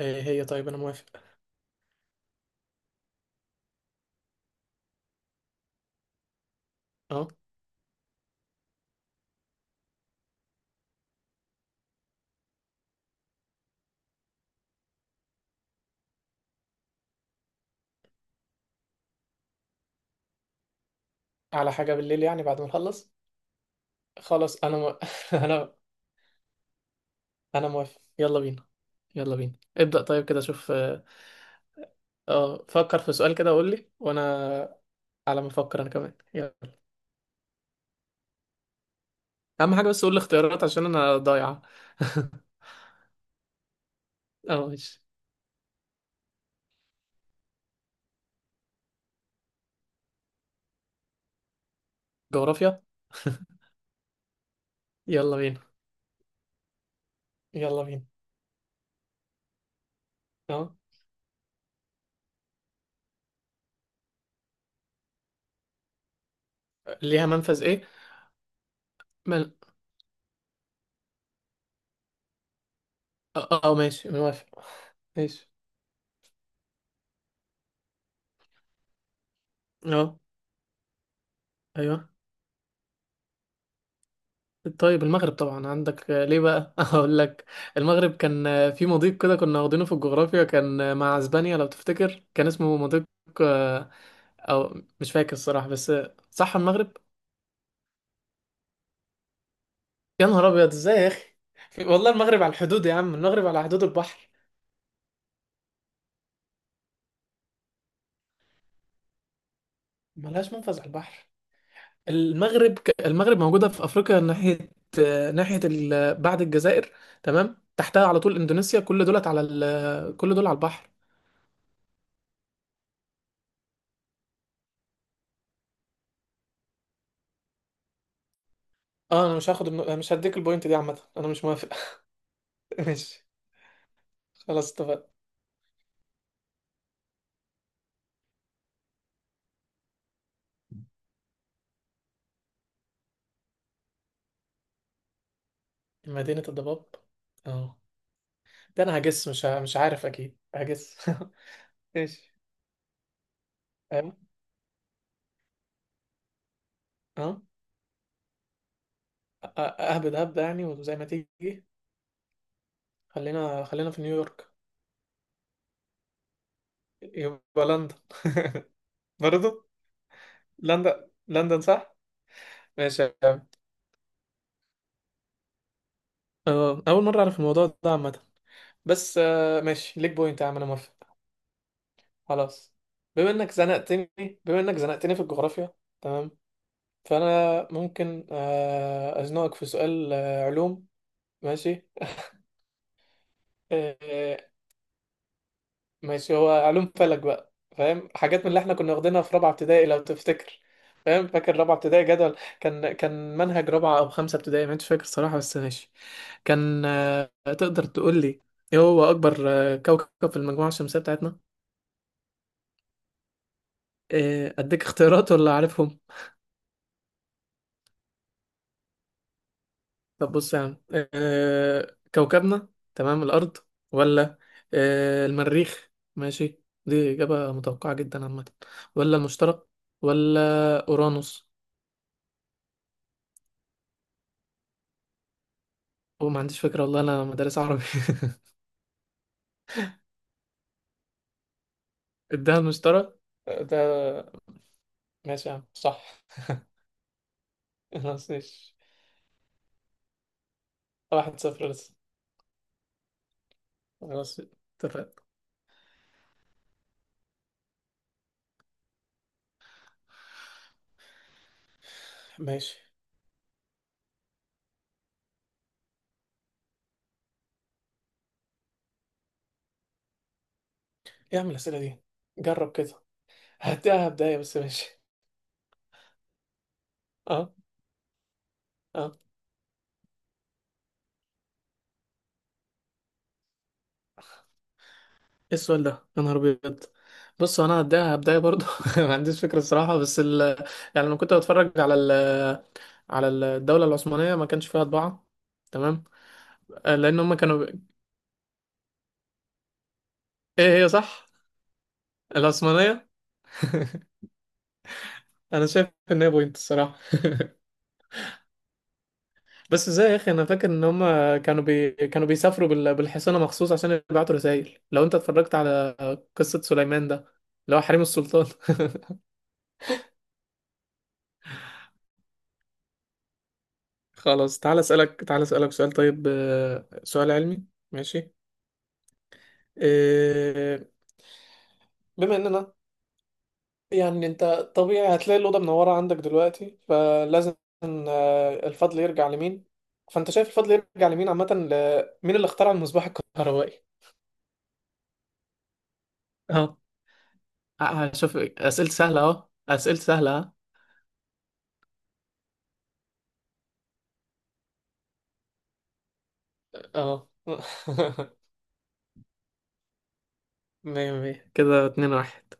ايه هي؟ طيب، انا موافق. اه، على حاجة بالليل، يعني بعد ما نخلص. خلاص، انا انا انا موافق. يلا بينا. يلا بينا، ابدأ. طيب كده، شوف. اه، فكر في سؤال كده وقول لي، وانا على ما افكر انا كمان. يلا، اهم حاجة بس قول لي اختيارات عشان انا ضايعة. اه، ماشي. جغرافيا. يلا بينا يلا بينا. اه، ليها منفذ ايه؟ مل... اه، ماشي، موافق. ماشي. اه. ايوه. طيب، المغرب طبعا عندك. ليه بقى؟ هقول لك. المغرب كان في مضيق كده، كنا واخدينه في الجغرافيا، كان مع اسبانيا. لو تفتكر كان اسمه مضيق. آه، او مش فاكر الصراحة، بس صح، المغرب. يا نهار ابيض، ازاي يا اخي؟ والله المغرب على الحدود يا عم. المغرب على حدود البحر. ملهاش منفذ على البحر؟ المغرب موجودة في افريقيا، ناحية ناحية بعد الجزائر. تمام، تحتها على طول اندونيسيا، كل دول على البحر. اه، انا مش هاخد النو- أنا مش هديك البوينت دي عامه، انا مش موافق. ماشي. خلاص، اتفقنا. مدينة الضباب؟ اه. ده انا هجس، مش عارف اكيد، هجس. ماشي. اه. اه. أ- أ- اهبد هبدة يعني، وزي ما تيجي. خلينا في نيويورك. يبقى لندن. برضه. لندن. لندن صح. ماشي يا عم. اول مرة اعرف الموضوع ده عامة. بس ماشي، ليك بوينت يا عم، انا موافق. خلاص. بما انك زنقتني بما انك زنقتني في الجغرافيا. تمام. فانا ممكن ازنقك في سؤال علوم. ماشي. آه آه، ماشي. هو علوم فلك. بقى فاهم حاجات من اللي احنا كنا واخدينها في رابعه ابتدائي، لو تفتكر. فاهم. فاكر رابعه ابتدائي، جدول كان منهج رابعه او خمسه ابتدائي. مش فاكر صراحه، بس ماشي. كان. تقدر تقول لي ايه هو اكبر كوكب في المجموعه الشمسيه بتاعتنا؟ اديك اختيارات ولا عارفهم؟ طب بص يا عم. كوكبنا. تمام، الأرض. ولا المريخ. ماشي. دي إجابة متوقعة جدا عامة. ولا المشتري. ولا أورانوس. وما عنديش فكرة والله، أنا مدرس عربي. ادها المشتري، ده ماشي يا عم، صح. خلاص، ماشي. واحد صفر لسه. خلاص، اتفقنا. ماشي. إيه يا عم الأسئلة دي؟ جرب كده. هديها بداية، بس ماشي. اه. اه. ايه السؤال ده يا نهار ابيض؟ بص، هو انا هبداها برضو. ما عنديش فكره الصراحه، يعني لما كنت بتفرج على الدوله العثمانيه، ما كانش فيها طباعه. تمام. لان هم كانوا. ايه، هي صح. العثمانيه. انا شايف ان هي بوينت الصراحه. بس ازاي يا اخي، انا فاكر ان هم كانوا بيسافروا بالحصانه مخصوص، عشان يبعتوا رسائل. لو انت اتفرجت على قصه سليمان، ده اللي هو حريم السلطان. خلاص. تعال اسالك سؤال. طيب سؤال علمي. ماشي. إيه، بما اننا، يعني انت طبيعي هتلاقي الاوضه منوره عندك دلوقتي، فلازم الفضل يرجع لمين. فانت شايف الفضل يرجع لمين عامه؟ مين اللي اخترع المصباح الكهربائي؟ اهو. هشوف اسئله سهله، اهو اسئله سهله. ها. اه. مية مية كده. اتنين واحد.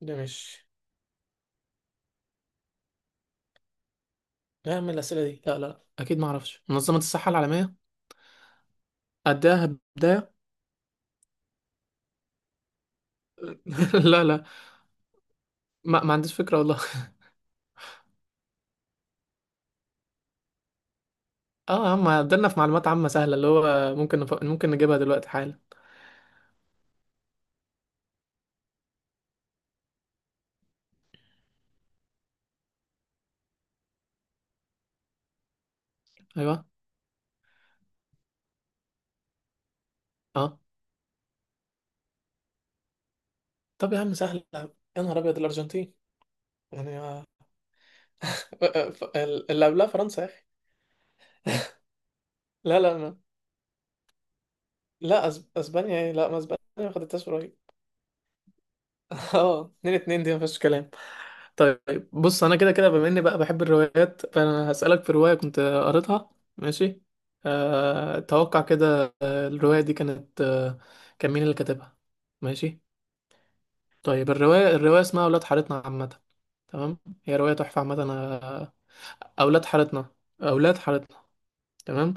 ده مش نعمل الأسئلة دي. لا لا، اكيد ما اعرفش منظمه الصحه العالميه. اديها بدايه. لا لا، ما عنديش فكره والله. اه يا عم، عدلنا في معلومات عامة سهلة، اللي هو ممكن ممكن نجيبها دلوقتي حالا. ايوه. اه. طب يا عم، سهلة يا نهار ابيض. الارجنتين. يعني اللي قبلها فرنسا يا اخي. لا لا، ما. لا، اسبانيا، ايه؟ لا، ما اسبانيا ما خدتهاش قريب. اه، اتنين اتنين دي ما فيهاش كلام. طيب بص، انا كده كده بما اني بقى بحب الروايات، فانا هسألك في رواية كنت قريتها. ماشي. توقع كده. الرواية دي كانت، كان مين اللي كاتبها؟ ماشي. طيب الرواية اسمها أولاد حارتنا عامة. تمام. هي رواية تحفة عامة. أنا أولاد حارتنا. أولاد حارتنا. تمام.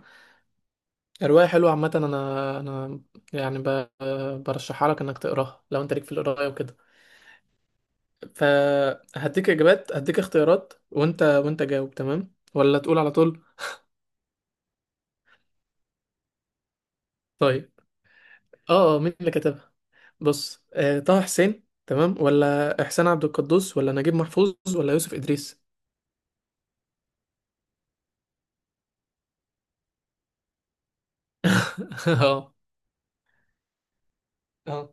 رواية حلوة عامة. أنا أنا يعني برشحها لك إنك تقراها، لو أنت ليك في القراية وكده. فهديك إجابات، هديك اختيارات، وأنت جاوب تمام ولا تقول على طول. طيب مين اللي كتبها؟ بص، طه حسين تمام، ولا إحسان عبد القدوس، ولا نجيب محفوظ، ولا يوسف إدريس؟ آه آه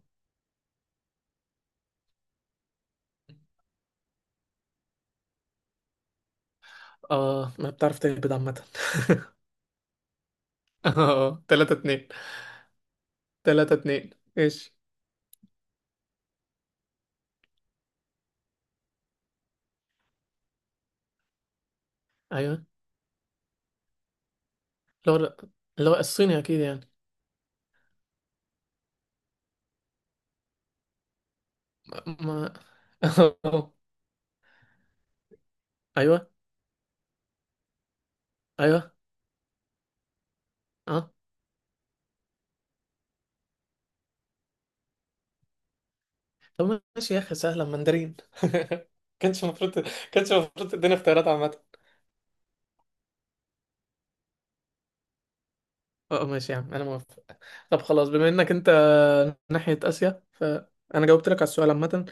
ما بتعرف تهبط عامة. آه تلاتة اتنين. تلاتة اتنين. إيش؟ ايوه. اللي هو اللي هو الصيني اكيد يعني. ما ايوه. ايوه. اه. طب ماشي يا اخي، سهله. مندرين. كانش المفروض كانش المفروض تديني اختيارات عامه. اه، ماشي يا عم. انا موافق. طب خلاص، بما انك انت ناحيه اسيا، فانا جاوبت لك على السؤال عامه.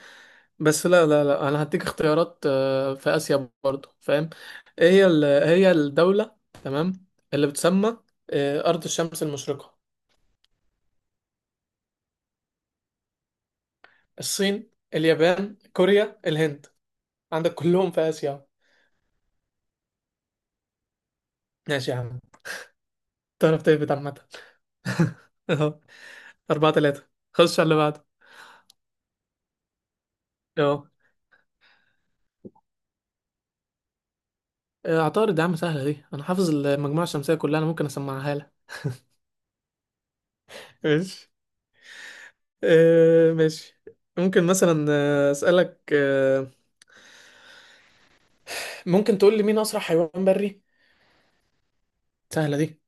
بس لا لا لا، انا هديك اختيارات في اسيا برضه، فاهم. ايه هي الدوله، تمام، اللي بتسمى ارض الشمس المشرقه؟ الصين، اليابان، كوريا، الهند. عندك كلهم في آسيا. ماشي يا عم. تعرف تهبط عامة. اهو. أربعة تلاتة. خش على اللي بعده. اهو. عطارد يا عم، سهلة دي. أنا حافظ المجموعة الشمسية كلها. أنا ممكن أسمعها لك. ماشي. ماشي. ممكن مثلا أسألك ممكن تقول لي، مين أسرع حيوان بري؟ سهلة دي.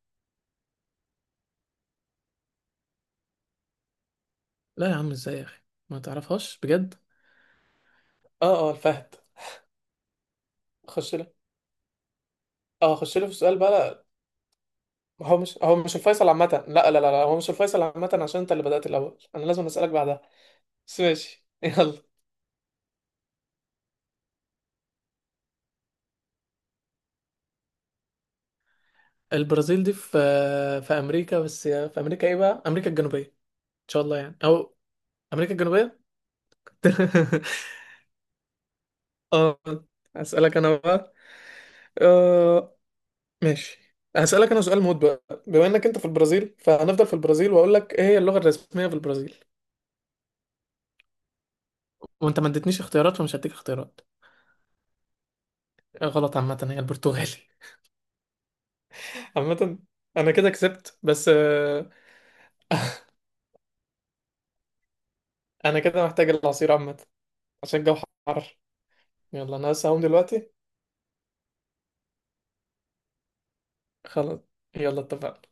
لا يا عم، ازاي يا أخي؟ ما تعرفهاش بجد؟ اه، اه، الفهد. خش لي. اه، خش لي في السؤال بقى. لا، هو مش الفيصل عامة. لا لا لا لا، هو مش الفيصل عامة، عشان انت اللي بدأت الأول، أنا لازم أسألك بعدها. بس ماشي. يلا. البرازيل دي في امريكا، بس في امريكا ايه بقى؟ امريكا الجنوبيه ان شاء الله يعني، او امريكا الجنوبيه. اه، اسالك انا بقى. آه... ماشي، هسالك انا سؤال موت بقى. بما انك انت في البرازيل، فهنفضل في البرازيل، واقول لك ايه هي اللغه الرسميه في البرازيل. وانت ما اديتنيش اختيارات، فمش هديك اختيارات. غلط عامه، هي البرتغالي. عامه، انا كده كسبت، بس انا كده محتاج العصير عامه، عشان الجو حر. يلا، انا هقوم دلوقتي. خلاص. يلا، اتفقنا.